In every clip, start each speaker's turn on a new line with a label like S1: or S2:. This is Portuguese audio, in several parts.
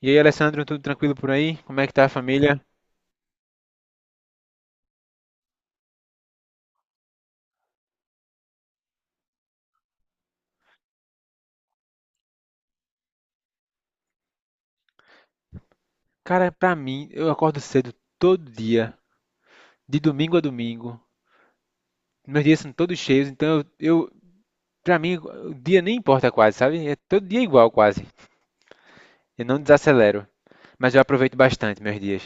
S1: E aí, Alessandro, tudo tranquilo por aí? Como é que tá a família? Cara, pra mim, eu acordo cedo todo dia, de domingo a domingo. Meus dias são todos cheios, então eu pra mim, o dia nem importa quase, sabe? É todo dia igual quase. Eu não desacelero, mas eu aproveito bastante meus dias.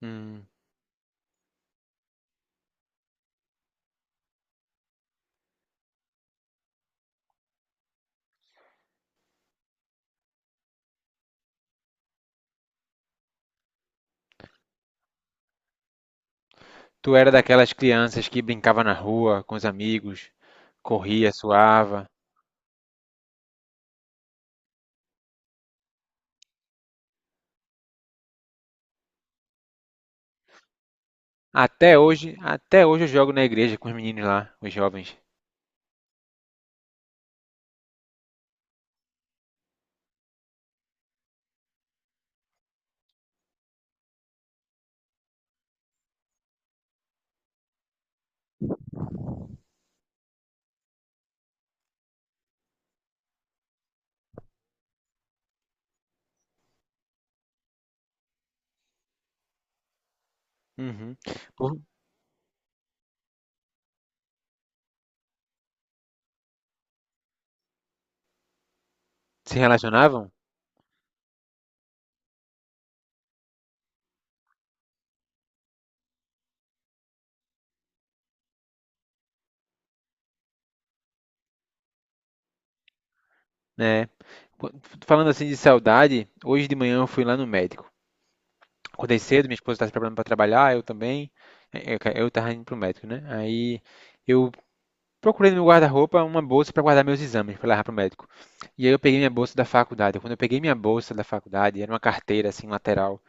S1: Hum, Tu era daquelas crianças que brincava na rua com os amigos, corria, suava. Até hoje, eu jogo na igreja com os meninos lá, os jovens. Uhum. Por- Se relacionavam? Né? Falando assim de saudade, hoje de manhã eu fui lá no médico. Acordei cedo, minha esposa estava se preparando para trabalhar, eu também. Eu estava indo para o médico, né? Aí eu procurei no meu guarda-roupa uma bolsa para guardar meus exames, para levar para o médico. E aí eu peguei minha bolsa da faculdade. Quando eu peguei minha bolsa da faculdade, era uma carteira assim lateral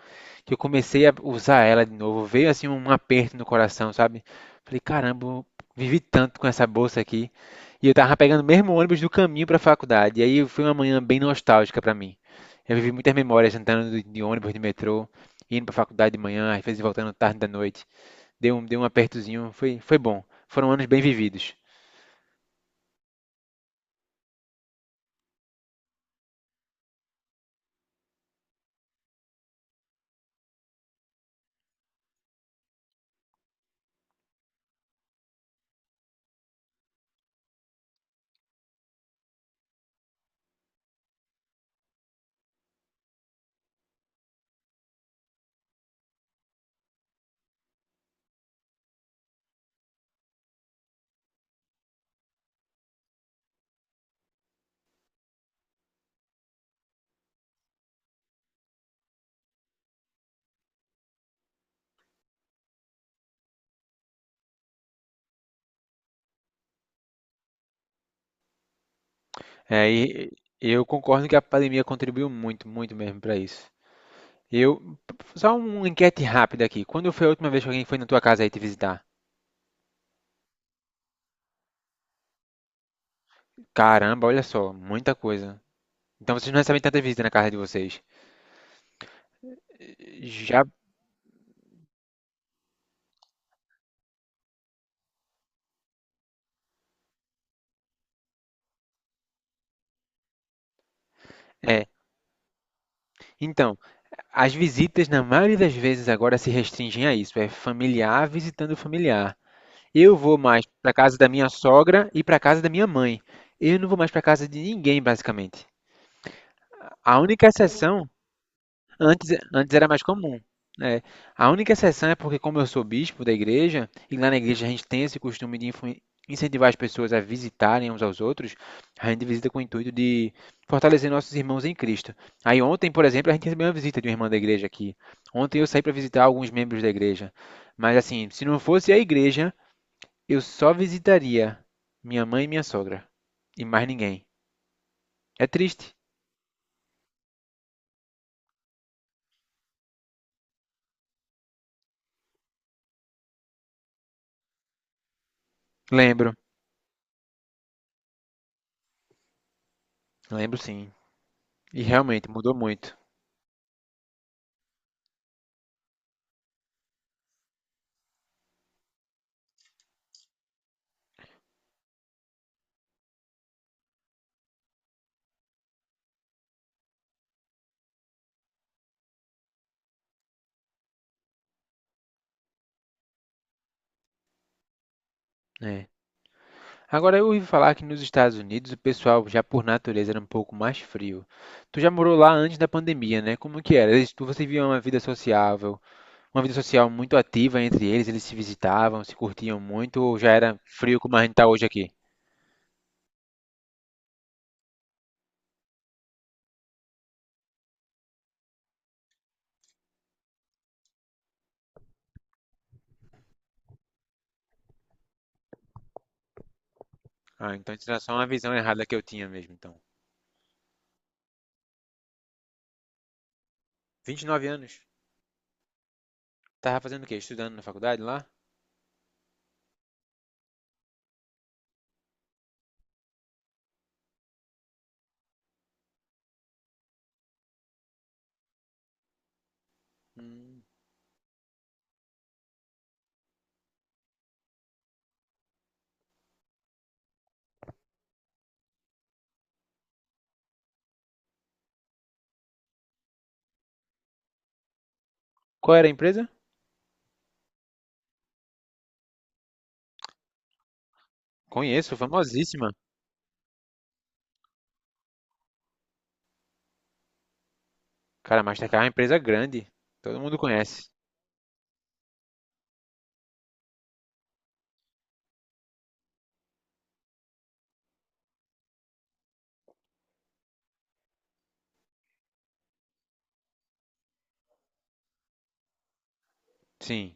S1: que eu comecei a usar ela de novo, veio assim um aperto no coração, sabe? Falei, caramba, eu vivi tanto com essa bolsa aqui. E eu tava pegando o mesmo ônibus do caminho para a faculdade. E aí foi uma manhã bem nostálgica para mim. Eu vivi muitas memórias andando de ônibus, de metrô, indo para a faculdade de manhã, às vezes voltando tarde da noite. Deu um apertozinho, foi bom. Foram anos bem vividos. É, e eu concordo que a pandemia contribuiu muito, muito mesmo para isso. Eu, Só uma enquete rápida aqui. Quando foi a última vez que alguém foi na tua casa aí te visitar? Caramba, olha só, muita coisa. Então vocês não recebem tanta visita na casa de vocês. Já. É. Então, as visitas na maioria das vezes agora se restringem a isso, é familiar visitando familiar. Eu vou mais para casa da minha sogra e para casa da minha mãe. Eu não vou mais para casa de ninguém, basicamente. A única exceção Antes, era mais comum, né? A única exceção é porque, como eu sou bispo da igreja, e lá na igreja a gente tem esse costume de incentivar as pessoas a visitarem uns aos outros, a gente visita com o intuito de fortalecer nossos irmãos em Cristo. Aí ontem, por exemplo, a gente recebeu uma visita de uma irmã da igreja aqui. Ontem eu saí para visitar alguns membros da igreja. Mas assim, se não fosse a igreja, eu só visitaria minha mãe e minha sogra, e mais ninguém. É triste. Lembro, lembro sim. E realmente mudou muito. Né? Agora, eu ouvi falar que nos Estados Unidos o pessoal já por natureza era um pouco mais frio. Tu já morou lá antes da pandemia, né? Como que era? Você via uma vida sociável, uma vida social muito ativa entre eles, eles se visitavam, se curtiam muito, ou já era frio como a gente tá hoje aqui? Ah, então isso era só uma visão errada que eu tinha mesmo, então. 29 anos. Tava fazendo o quê? Estudando na faculdade lá? Hum. Qual era a empresa? Conheço, famosíssima. Cara, Mastercard é uma empresa grande. Todo mundo conhece. Sim,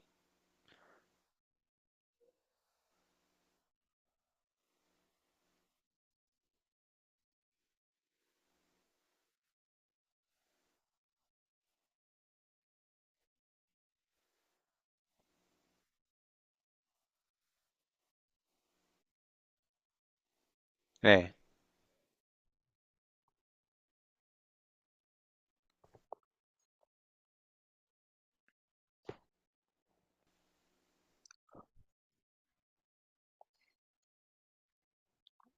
S1: é.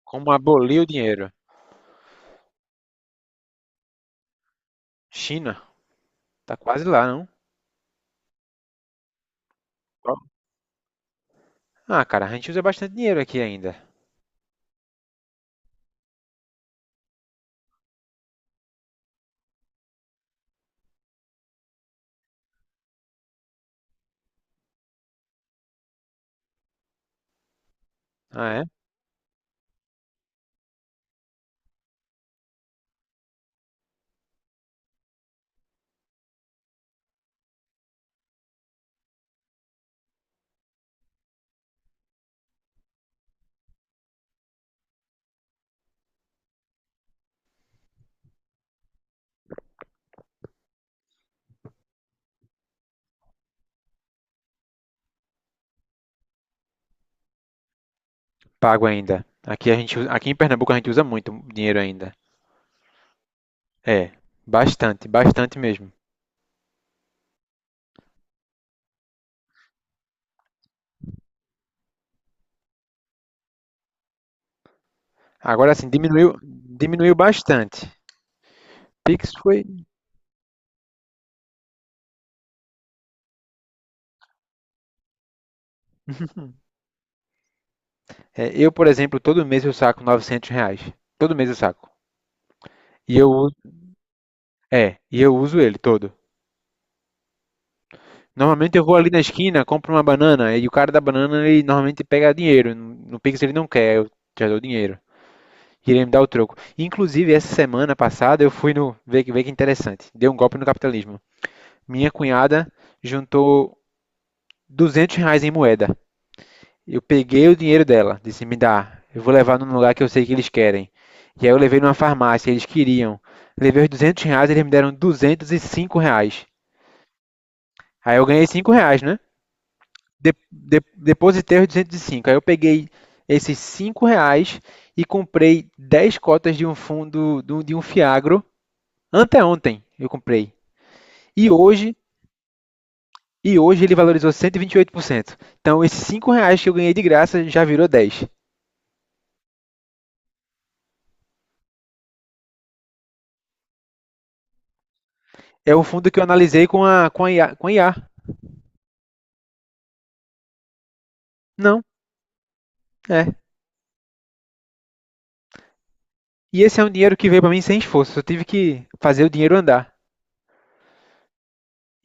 S1: Como aboliu o dinheiro. China? Tá quase lá, não? Qual? Ah, cara, a gente usa bastante dinheiro aqui ainda. Ah, é? Pago ainda. Aqui em Pernambuco a gente usa muito dinheiro ainda. É, bastante, bastante mesmo. Agora assim, diminuiu, diminuiu bastante. Pix foi, eu, por exemplo, todo mês eu saco R$ 900. Todo mês eu saco. E eu, uso- e eu uso ele todo. Normalmente eu vou ali na esquina, compro uma banana e o cara da banana ele normalmente pega dinheiro. No Pix ele não quer, eu já dou dinheiro. Iria me dar o troco. Inclusive, essa semana passada eu fui no. Vê que interessante. Deu um golpe no capitalismo. Minha cunhada juntou R$ 200 em moeda. Eu peguei o dinheiro dela. Disse: me dá. Eu vou levar num lugar que eu sei que eles querem. E aí eu levei numa farmácia, eles queriam. Levei os R$ 200, eles me deram R$ 205. Aí eu ganhei R$ 5, né? Depositei os 205. Aí eu peguei esses R$ 5 e comprei 10 cotas de um fundo, de um fiagro. Anteontem eu comprei. E hoje, e hoje, ele valorizou 128%. Então esses R$ 5 que eu ganhei de graça já virou 10. É o fundo que eu analisei com a IA. Com a IA. Não, é. E esse é um dinheiro que veio para mim sem esforço. Eu tive que fazer o dinheiro andar.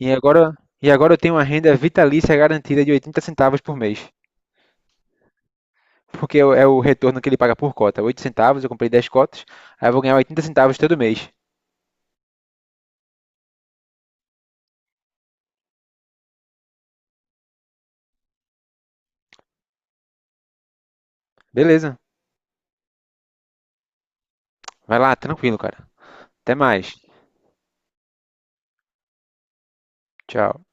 S1: E agora, e agora, eu tenho uma renda vitalícia garantida de 80 centavos por mês. Porque é o retorno que ele paga por cota. 8 centavos, eu comprei 10 cotas. Aí eu vou ganhar 80 centavos todo mês. Beleza. Vai lá, tranquilo, cara. Até mais. Tchau.